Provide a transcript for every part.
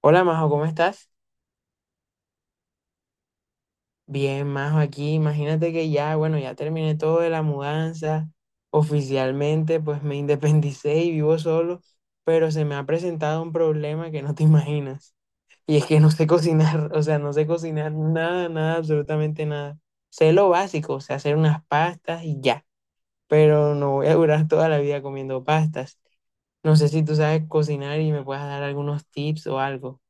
Hola Majo, ¿cómo estás? Bien, Majo, aquí. Imagínate que bueno, ya terminé todo de la mudanza. Oficialmente, pues me independicé y vivo solo, pero se me ha presentado un problema que no te imaginas. Y es que no sé cocinar, o sea, no sé cocinar nada, nada, absolutamente nada. Sé lo básico, o sea, hacer unas pastas y ya, pero no voy a durar toda la vida comiendo pastas. No sé si tú sabes cocinar y me puedas dar algunos tips o algo.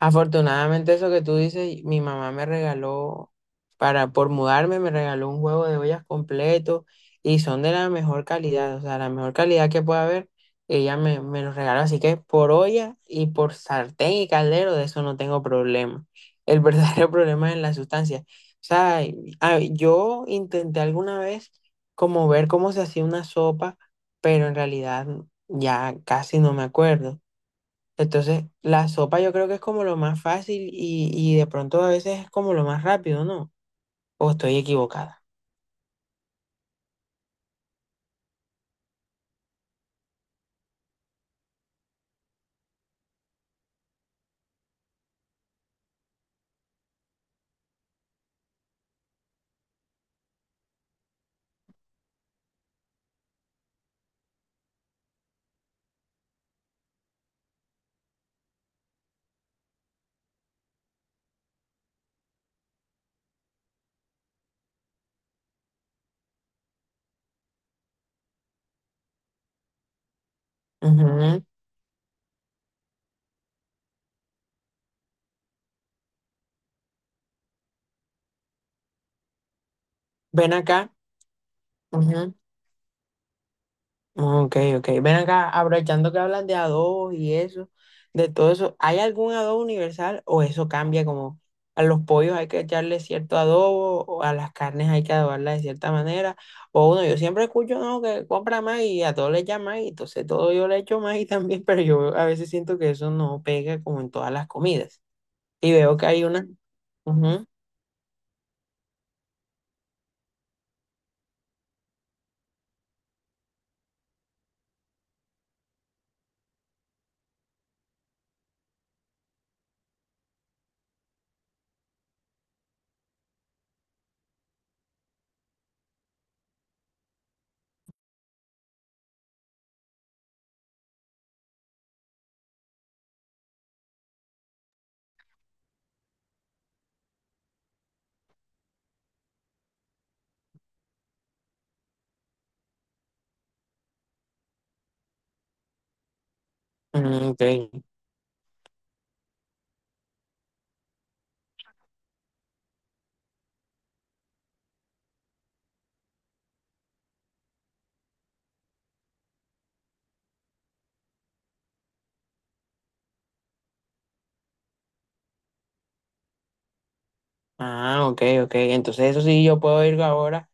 Afortunadamente eso que tú dices, mi mamá me regaló, para por mudarme, me regaló un juego de ollas completo y son de la mejor calidad, o sea, la mejor calidad que pueda haber, ella me los regaló, así que por olla y por sartén y caldero, de eso no tengo problema. El verdadero problema es en la sustancia. O sea, yo intenté alguna vez como ver cómo se hacía una sopa, pero en realidad ya casi no me acuerdo. Entonces, la sopa yo creo que es como lo más fácil y de pronto a veces es como lo más rápido, ¿no? O estoy equivocada. Ujú. Ven acá. Ujú. Ok, ok. Ven acá, aprovechando que hablas de adobos y eso, de todo eso, ¿hay algún adobo universal o eso cambia como a los pollos hay que echarle cierto adobo o a las carnes hay que adobarlas de cierta manera? O uno, yo siempre escucho, no, que compra más y a todo le echa más y entonces todo yo le echo más y también, pero yo a veces siento que eso no pega como en todas las comidas. Y veo que hay una... Ujú. Mm. Ok. Ah, ok, ok. Entonces eso sí, yo puedo ir ahora.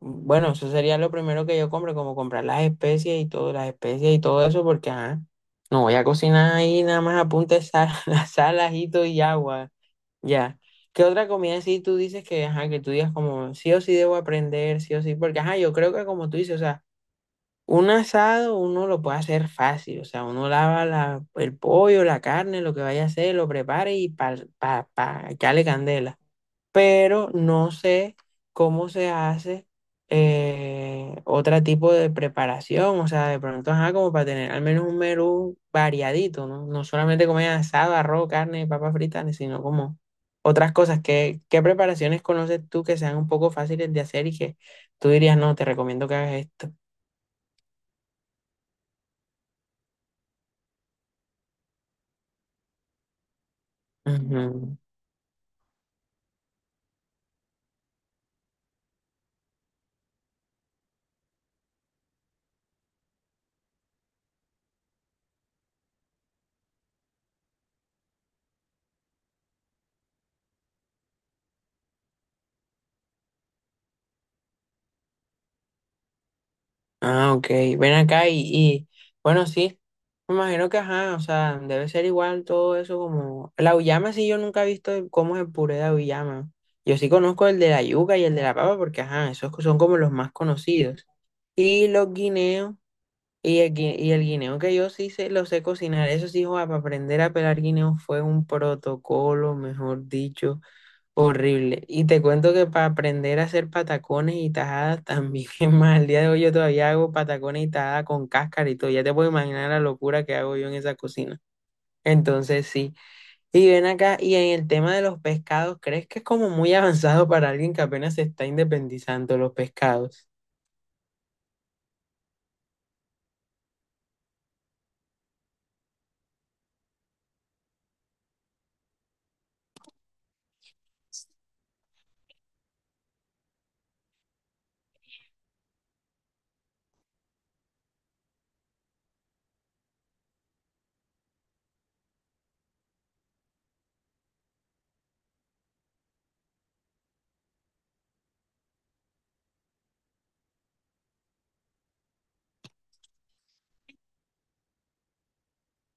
Bueno, eso sería lo primero que yo compre, como comprar las especies y todo eso, porque ajá, no voy a cocinar ahí, nada más apunte sal, sal, ajito y agua. Ya. ¿Qué otra comida sí tú dices que, ajá, que tú digas como sí o sí debo aprender, sí o sí? Porque, ajá, yo creo que como tú dices, o sea, un asado uno lo puede hacer fácil, o sea, uno lava el pollo, la carne, lo que vaya a hacer, lo prepara y pa, pa, pa, echarle candela. Pero no sé cómo se hace otro tipo de preparación, o sea, de pronto, ajá, como para tener al menos un menú variadito, ¿no? No solamente comer asado, arroz, carne, papas fritas, sino como otras cosas. ¿Qué preparaciones conoces tú que sean un poco fáciles de hacer y que tú dirías, no, te recomiendo que hagas esto? Ujú. Ah, ok. Ven acá bueno, sí. Me imagino que, ajá, o sea, debe ser igual todo eso como... La auyama sí yo nunca he visto cómo es el puré de auyama. Yo sí conozco el de la yuca y el de la papa porque, ajá, esos son como los más conocidos. Y los guineos, y el guineo que yo sí sé lo sé cocinar. Eso sí, joa, para aprender a pelar guineos fue un protocolo, mejor dicho. Horrible. Y te cuento que para aprender a hacer patacones y tajadas también es más. Al día de hoy yo todavía hago patacones y tajadas con cáscara y todo. Ya te puedo imaginar la locura que hago yo en esa cocina. Entonces sí. Y ven acá, y en el tema de los pescados, ¿crees que es como muy avanzado para alguien que apenas se está independizando los pescados?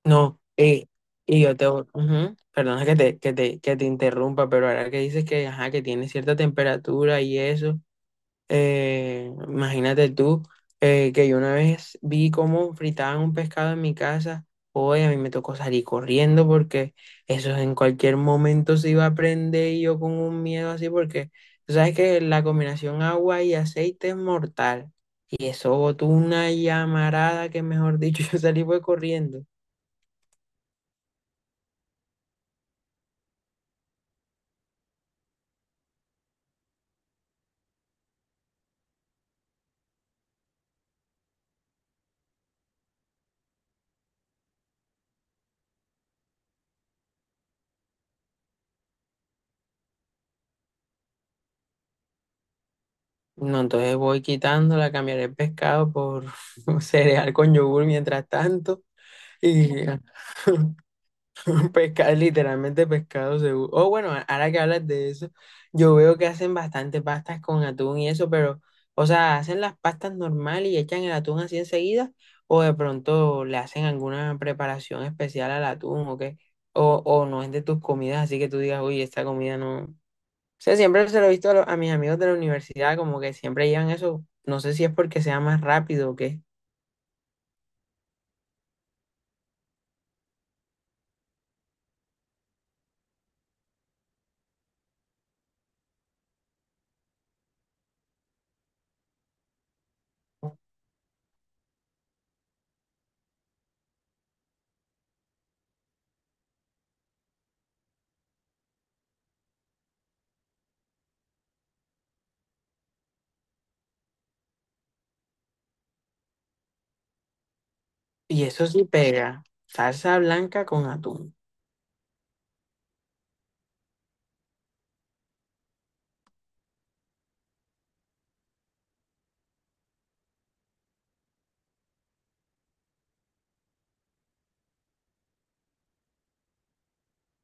No. Ujú. Perdona que te interrumpa, pero ahora que dices que, ajá, que tiene cierta temperatura y eso. Imagínate tú que yo una vez vi cómo fritaban un pescado en mi casa. Hoy a mí me tocó salir corriendo porque eso en cualquier momento se iba a prender y yo con un miedo así porque tú sabes que la combinación agua y aceite es mortal. Y eso botó una llamarada que mejor dicho yo salí fue corriendo. No, entonces voy quitándola, cambiaré el pescado por cereal con yogur mientras tanto. Y, Pesca, literalmente pescado seguro. Oh, bueno, ahora que hablas de eso, yo veo que hacen bastante pastas con atún y eso, pero, o sea, hacen las pastas normal y echan el atún así enseguida, o de pronto le hacen alguna preparación especial al atún o qué, o no es de tus comidas, así que tú digas, uy, esta comida no. O sea, siempre se lo he visto a, a mis amigos de la universidad, como que siempre llevan eso, no sé si es porque sea más rápido o qué. Y eso sí pega, salsa blanca con atún.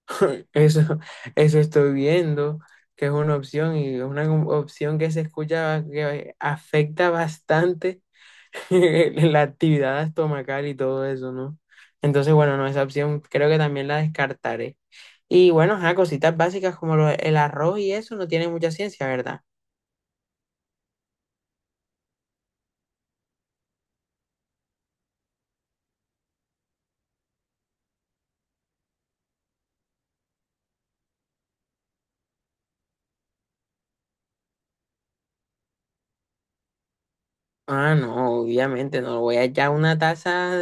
Eso, eso estoy viendo, que es una opción y es una opción que se escucha que afecta bastante la actividad estomacal y todo eso, ¿no? Entonces, bueno, no, esa opción creo que también la descartaré. Y bueno, ajá, cositas básicas como el arroz y eso no tiene mucha ciencia, ¿verdad? Ah, no, obviamente no. Voy a echar una taza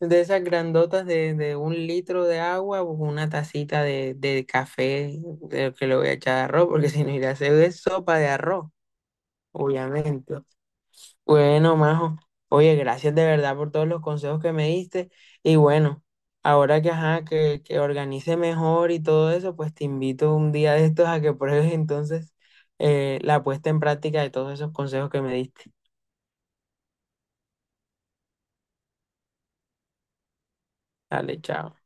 de esas grandotas de un litro de agua o una tacita de café de que le voy a echar de arroz, porque si no iré a hacer es sopa de arroz, obviamente. Bueno, Majo, oye, gracias de verdad por todos los consejos que me diste. Y bueno, ahora que, ajá, que organice mejor y todo eso, pues te invito un día de estos a que pruebes entonces la puesta en práctica de todos esos consejos que me diste. Dale, chao.